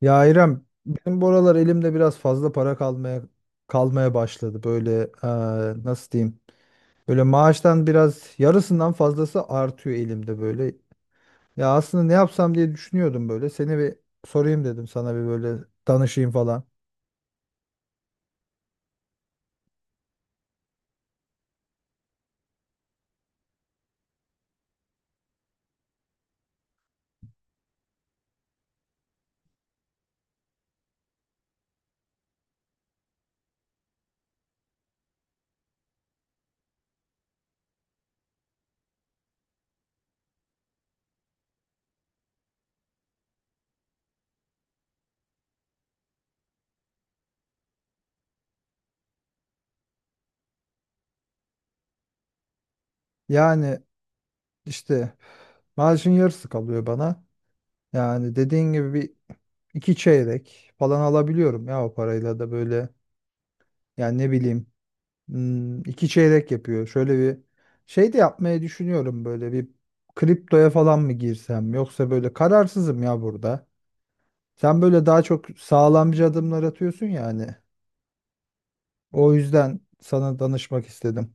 Ya İrem, benim bu aralar elimde biraz fazla para kalmaya başladı. Böyle nasıl diyeyim? Böyle maaştan biraz yarısından fazlası artıyor elimde böyle. Ya aslında ne yapsam diye düşünüyordum böyle. Seni bir sorayım dedim, sana bir böyle danışayım falan. Yani işte maaşın yarısı kalıyor bana. Yani dediğin gibi bir iki çeyrek falan alabiliyorum ya o parayla da böyle. Yani ne bileyim. Hmm, 2 çeyrek yapıyor. Şöyle bir şey de yapmayı düşünüyorum, böyle bir kriptoya falan mı girsem, yoksa böyle kararsızım ya burada. Sen böyle daha çok sağlamcı adımlar atıyorsun yani. O yüzden sana danışmak istedim.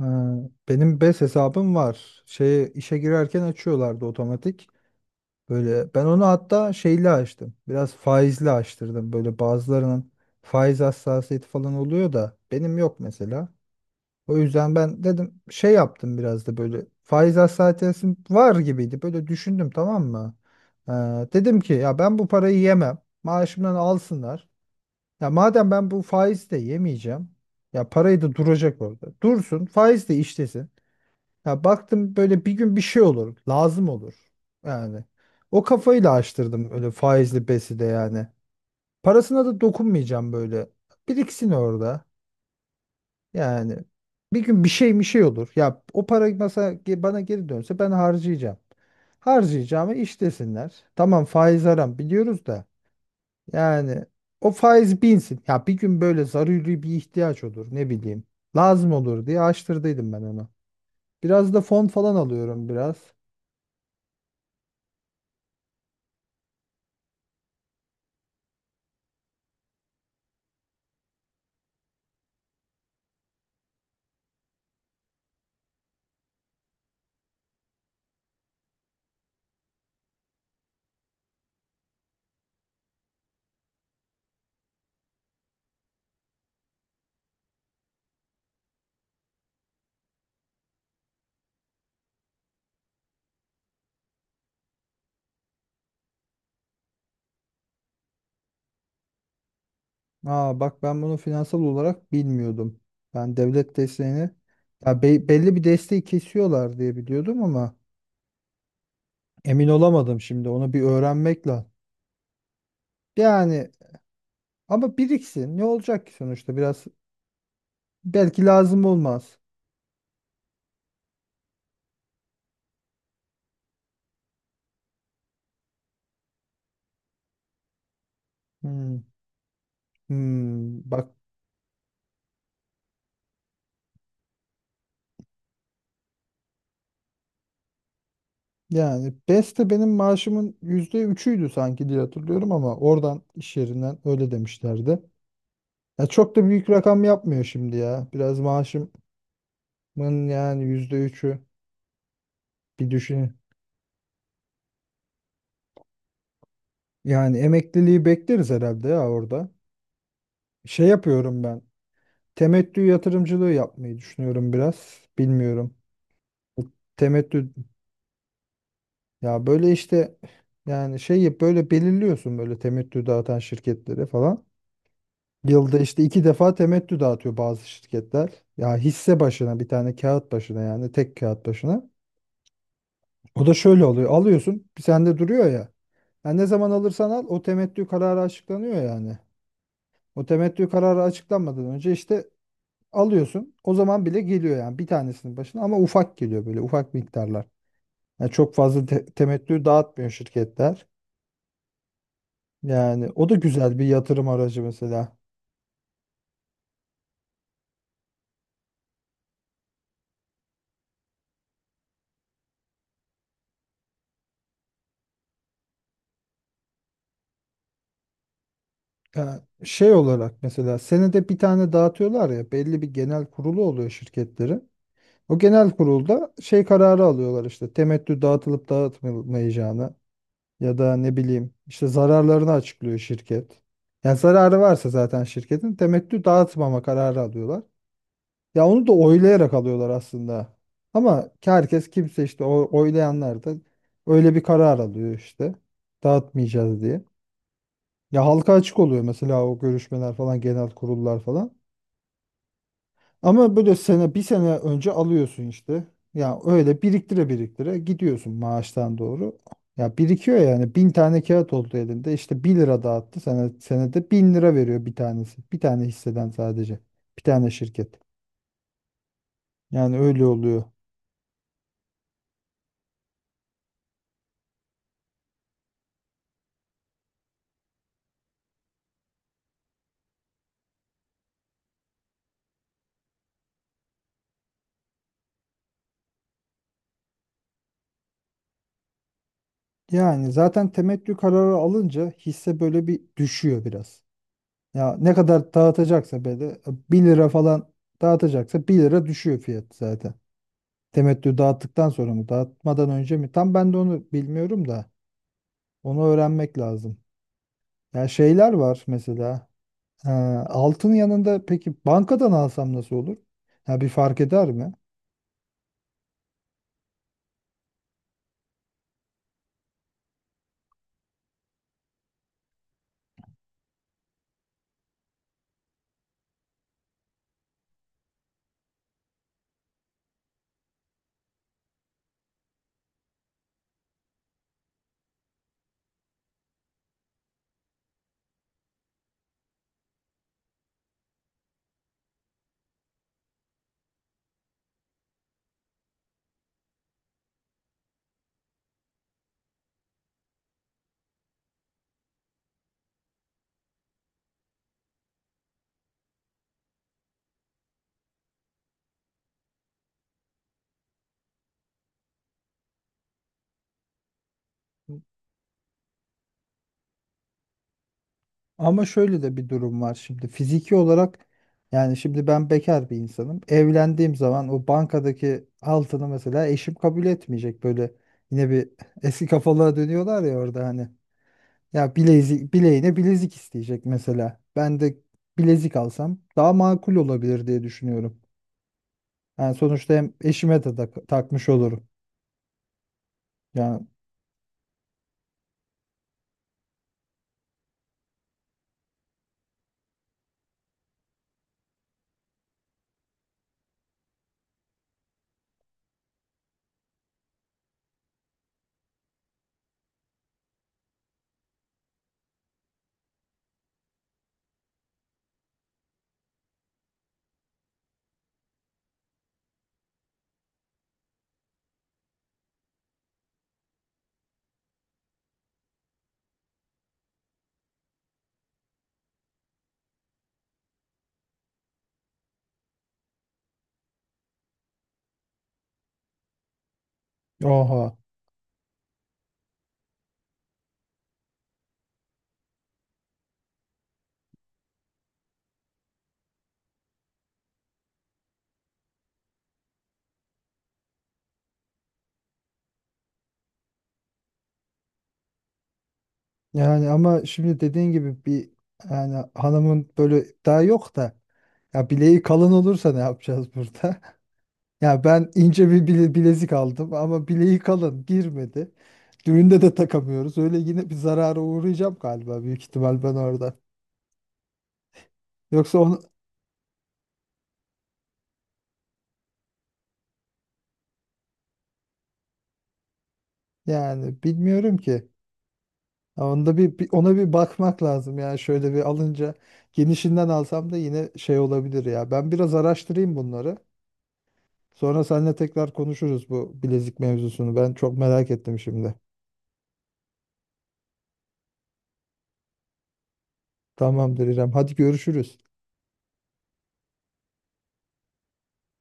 Ha, benim BES hesabım var. Şeye, işe girerken açıyorlardı otomatik. Böyle ben onu hatta şeyle açtım. Biraz faizli açtırdım. Böyle bazılarının faiz hassasiyeti falan oluyor da benim yok mesela. O yüzden ben dedim şey yaptım, biraz da böyle faiz hassasiyetim var gibiydi. Böyle düşündüm, tamam mı? Ee, Dedim ki ya ben bu parayı yemem. Maaşımdan alsınlar. Ya madem ben bu faizi de yemeyeceğim. Ya parayı da duracak orada. Dursun, faiz de işlesin. Ya baktım böyle bir gün bir şey olur. Lazım olur. Yani o kafayla açtırdım öyle faizli besi de yani. Parasına da dokunmayacağım böyle. Biriksin orada. Yani bir gün bir şey olur. Ya o para mesela bana geri dönse ben harcayacağım. Harcayacağımı iş desinler. Tamam, faiz haram biliyoruz da. Yani o faiz binsin. Ya bir gün böyle zaruri bir ihtiyaç olur, ne bileyim. Lazım olur diye açtırdıydım ben onu. Biraz da fon falan alıyorum biraz. Aa, bak ben bunu finansal olarak bilmiyordum. Ben devlet desteğini, ya belli bir desteği kesiyorlar diye biliyordum ama emin olamadım, şimdi onu bir öğrenmek lazım. Yani ama biriksin. Ne olacak ki sonuçta? Biraz belki lazım olmaz. Hmm. Hmm. Bak, yani beste benim maaşımın %3'üydü sanki diye hatırlıyorum, ama oradan, iş yerinden öyle demişlerdi. Ya çok da büyük rakam yapmıyor şimdi ya. Biraz maaşımın yani %3'ü, bir düşün. Yani emekliliği bekleriz herhalde ya orada. Şey yapıyorum ben. Temettü yatırımcılığı yapmayı düşünüyorum biraz. Bilmiyorum. Temettü Ya böyle işte yani şeyi böyle belirliyorsun, böyle temettü dağıtan şirketleri falan. Yılda işte 2 defa temettü dağıtıyor bazı şirketler. Ya hisse başına, bir tane kağıt başına, yani tek kağıt başına. O da şöyle oluyor. Alıyorsun, sende duruyor ya. Yani ne zaman alırsan al o temettü kararı açıklanıyor yani. O temettü kararı açıklanmadan önce işte alıyorsun. O zaman bile geliyor yani bir tanesinin başına, ama ufak geliyor, böyle ufak miktarlar. Yani çok fazla temettü dağıtmıyor şirketler. Yani o da güzel bir yatırım aracı mesela. Yani şey olarak mesela, senede bir tane dağıtıyorlar ya, belli bir genel kurulu oluyor şirketlerin. O genel kurulda şey kararı alıyorlar, işte temettü dağıtılıp dağıtılmayacağını, ya da ne bileyim işte zararlarını açıklıyor şirket. Yani zararı varsa zaten şirketin, temettü dağıtmama kararı alıyorlar. Ya onu da oylayarak alıyorlar aslında. Ama herkes, kimse işte o oylayanlar da öyle bir karar alıyor, işte dağıtmayacağız diye. Ya halka açık oluyor mesela, o görüşmeler falan, genel kurullar falan. Ama böyle sene bir sene önce alıyorsun işte. Ya öyle biriktire biriktire gidiyorsun maaştan doğru. Ya birikiyor yani, 1.000 tane kağıt oldu elinde, işte bir lira dağıttı, senede 1.000 lira veriyor bir tanesi. Bir tane hisseden, sadece bir tane şirket. Yani öyle oluyor. Yani zaten temettü kararı alınca hisse böyle bir düşüyor biraz. Ya ne kadar dağıtacaksa, böyle bir lira falan dağıtacaksa, bir lira düşüyor fiyat zaten. Temettü dağıttıktan sonra mı, dağıtmadan önce mi? Tam ben de onu bilmiyorum da. Onu öğrenmek lazım. Ya şeyler var mesela. Ee, altın yanında peki bankadan alsam nasıl olur? Ya bir fark eder mi? Ama şöyle de bir durum var şimdi. Fiziki olarak, yani şimdi ben bekar bir insanım. Evlendiğim zaman o bankadaki altını mesela eşim kabul etmeyecek. Böyle yine bir, eski kafalara dönüyorlar ya orada hani. Ya bilezik, bileğine bilezik isteyecek mesela. Ben de bilezik alsam daha makul olabilir diye düşünüyorum. Yani sonuçta hem eşime de takmış olurum. Yani oha. Yani ama şimdi dediğin gibi bir, yani hanımın böyle daha yok da, ya bileği kalın olursa ne yapacağız burada? Ya ben ince bir bilezik aldım ama bileği kalın girmedi. Düğünde de takamıyoruz. Öyle yine bir zarara uğrayacağım galiba, büyük ihtimal ben orada. Yoksa onu, yani bilmiyorum ki. Ya onda bir, ona bir bakmak lazım, yani şöyle bir alınca genişinden alsam da yine şey olabilir ya. Ben biraz araştırayım bunları. Sonra seninle tekrar konuşuruz bu bilezik mevzusunu. Ben çok merak ettim şimdi. Tamamdır İrem. Hadi görüşürüz.